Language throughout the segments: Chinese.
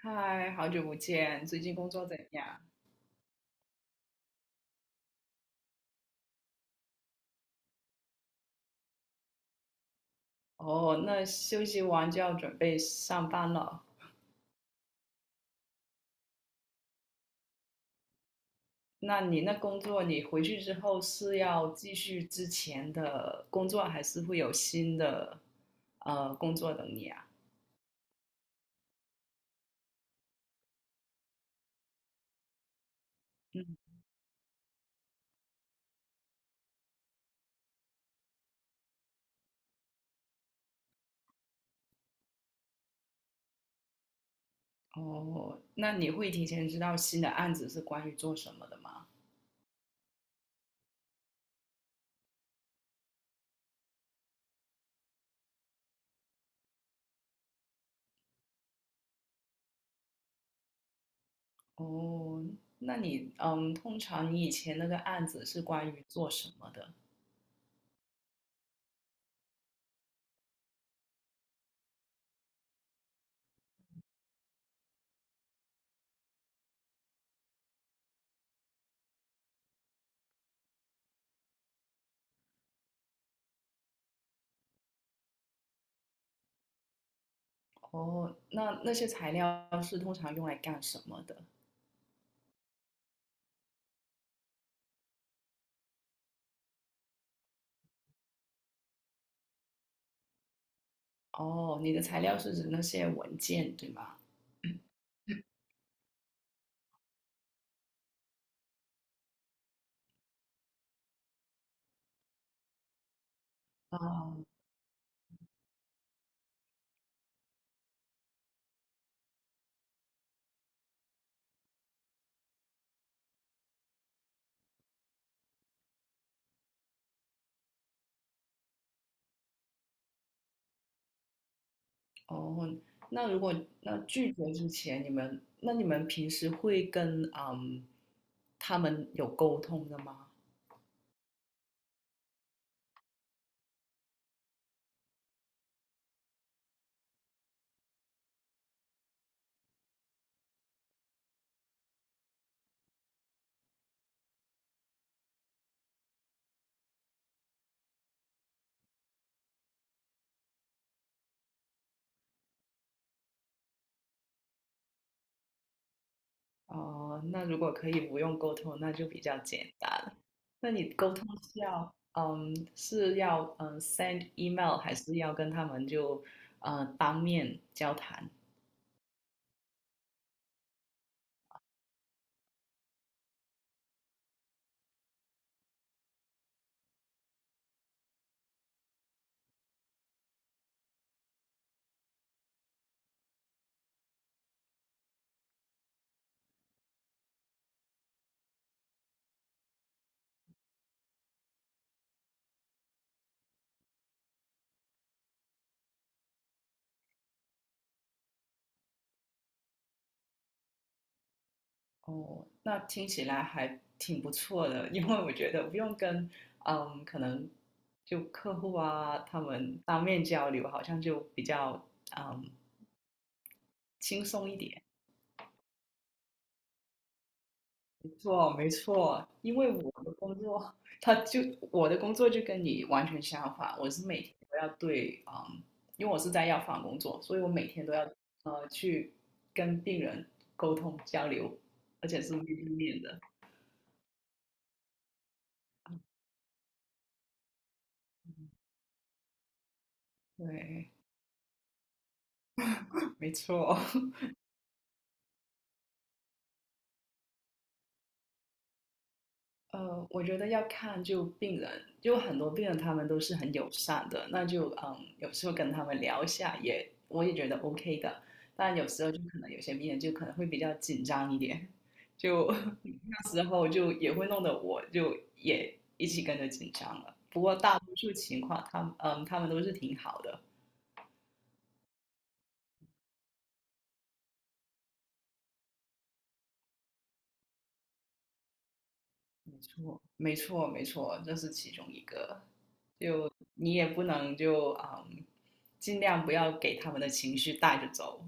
嗨，好久不见，最近工作怎样？哦，那休息完就要准备上班了。那你那工作，你回去之后是要继续之前的工作，还是会有新的工作等你啊？嗯，哦，那你会提前知道新的案子是关于做什么的吗？哦，那你通常你以前那个案子是关于做什么的？哦，那那些材料是通常用来干什么的？哦，你的材料是指那些文件，对吗？啊，哦，那如果拒绝之前，你们平时会跟他们有沟通的吗？哦，那如果可以不用沟通，那就比较简单了。那你沟通是要是要send email，还是要跟他们就当面交谈？哦，那听起来还挺不错的，因为我觉得不用跟嗯，可能就客户啊他们当面交流，好像就比较嗯轻松一点。没错，没错，因为我的工作，他就我的工作就跟你完全相反，我是每天都要对因为我是在药房工作，所以我每天都要去跟病人沟通交流，而且是面对面的。对，没错。我觉得要看就病人，就很多病人他们都是很友善的，那就嗯，有时候跟他们聊一下也，我也觉得 OK 的。但有时候就可能有些病人就可能会比较紧张一点，就 那时候就也会弄得我就也一起跟着紧张了。不过大多数情况，他们嗯，他们都是挺好的。没错，没错，没错，这是其中一个。就你也不能就尽量不要给他们的情绪带着走。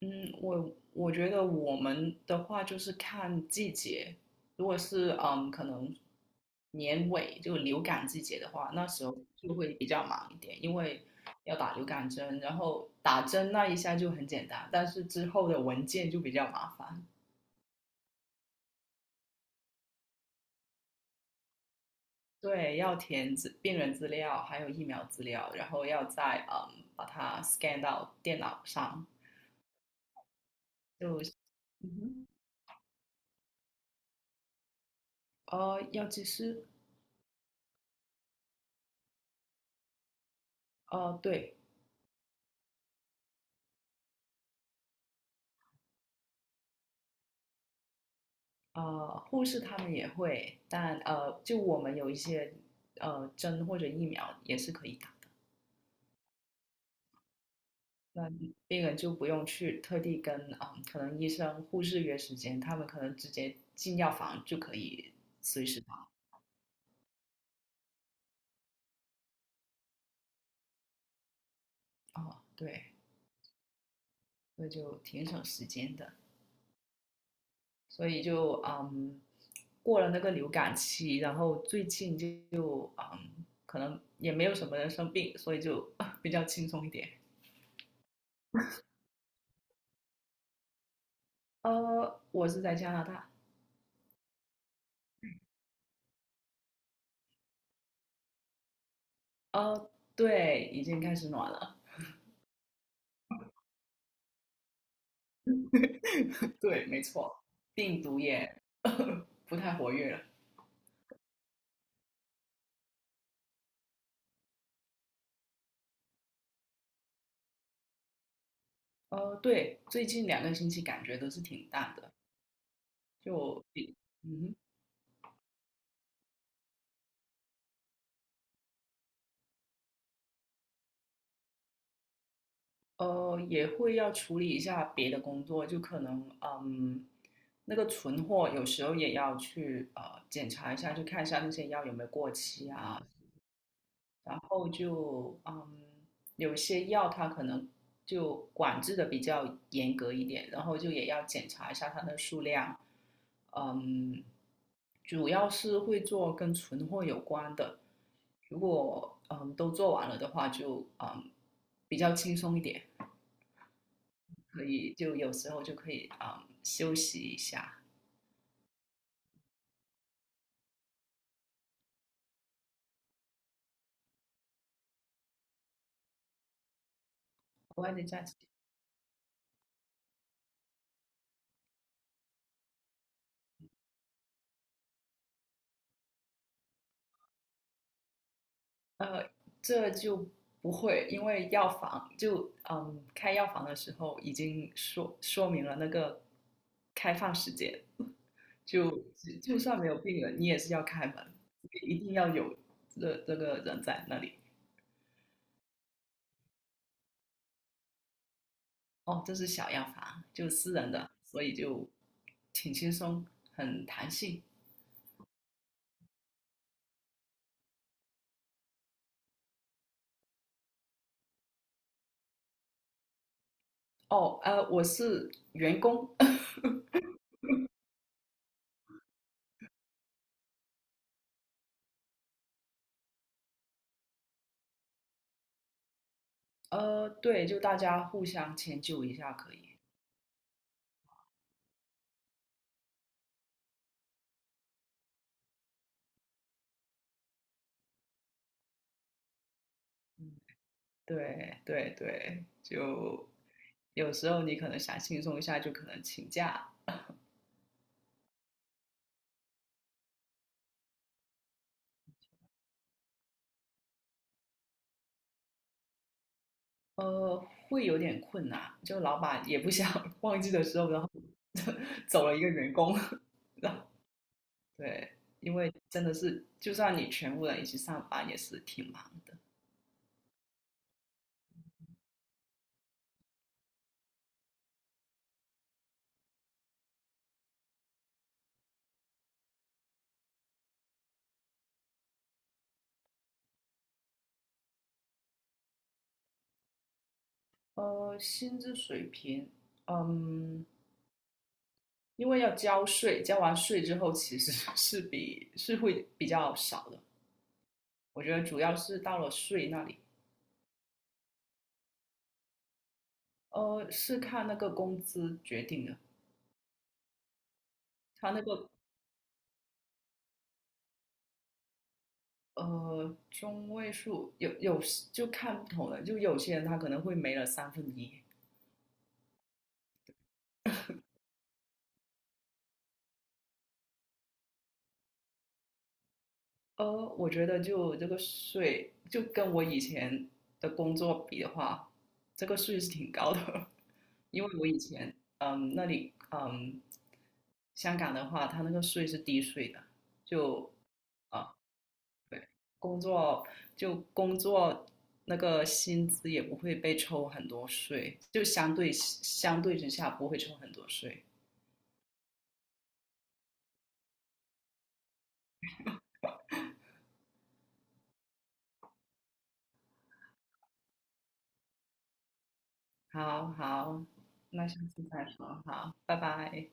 嗯，我觉得我们的话就是看季节，如果是嗯，可能年尾就流感季节的话，那时候就会比较忙一点，因为要打流感针，然后打针那一下就很简单，但是之后的文件就比较麻烦。对，要填资病人资料，还有疫苗资料，然后要再把它 scan 到电脑上，就嗯哼，药剂师，对。护士他们也会，但就我们有一些针或者疫苗也是可以打的，那病人就不用去特地跟啊，可能医生、护士约时间，他们可能直接进药房就可以随时打。哦，对，那就挺省时间的，所以就嗯，过了那个流感期，然后最近就嗯，可能也没有什么人生病，所以就 比较轻松一点。我是在加拿大。哦，对，已经开始暖了。对，没错，病毒也 不太活跃了。对，最近两个星期感觉都是挺淡的，就比嗯哼也会要处理一下别的工作，就可能嗯，那个存货有时候也要去检查一下，就看一下那些药有没有过期啊，然后就嗯，有些药它可能就管制的比较严格一点，然后就也要检查一下它的数量，嗯，主要是会做跟存货有关的，如果嗯都做完了的话就，嗯比较轻松一点，可以就有时候就可以休息一下。额外的假期呃，这就不会，因为药房就嗯开药房的时候已经说明了那个开放时间，就就算没有病人，你也是要开门，一定要有这个人在那里。哦，这是小药房，就私人的，所以就挺轻松，很弹性。哦，我是员工，对，就大家互相迁就一下可以。嗯对对对，就有时候你可能想轻松一下，就可能请假，呃，会有点困难。就老板也不想 忘记的时候，然后 走了一个员工，然后对，因为真的是，就算你全部人一起上班，也是挺忙。薪资水平，嗯，因为要交税，交完税之后其实 是是会比较少的。我觉得主要是到了税那里。是看那个工资决定的，他那个中位数有时就看不同的，就有些人他可能会没了三分一。我觉得就这个税，就跟我以前的工作比的话，这个税是挺高的，因为我以前嗯那里嗯香港的话，它那个税是低税的，就。啊。对，工作工作那个薪资也不会被抽很多税，就相对之下不会抽很多税。好好，那下次再说，好，拜拜。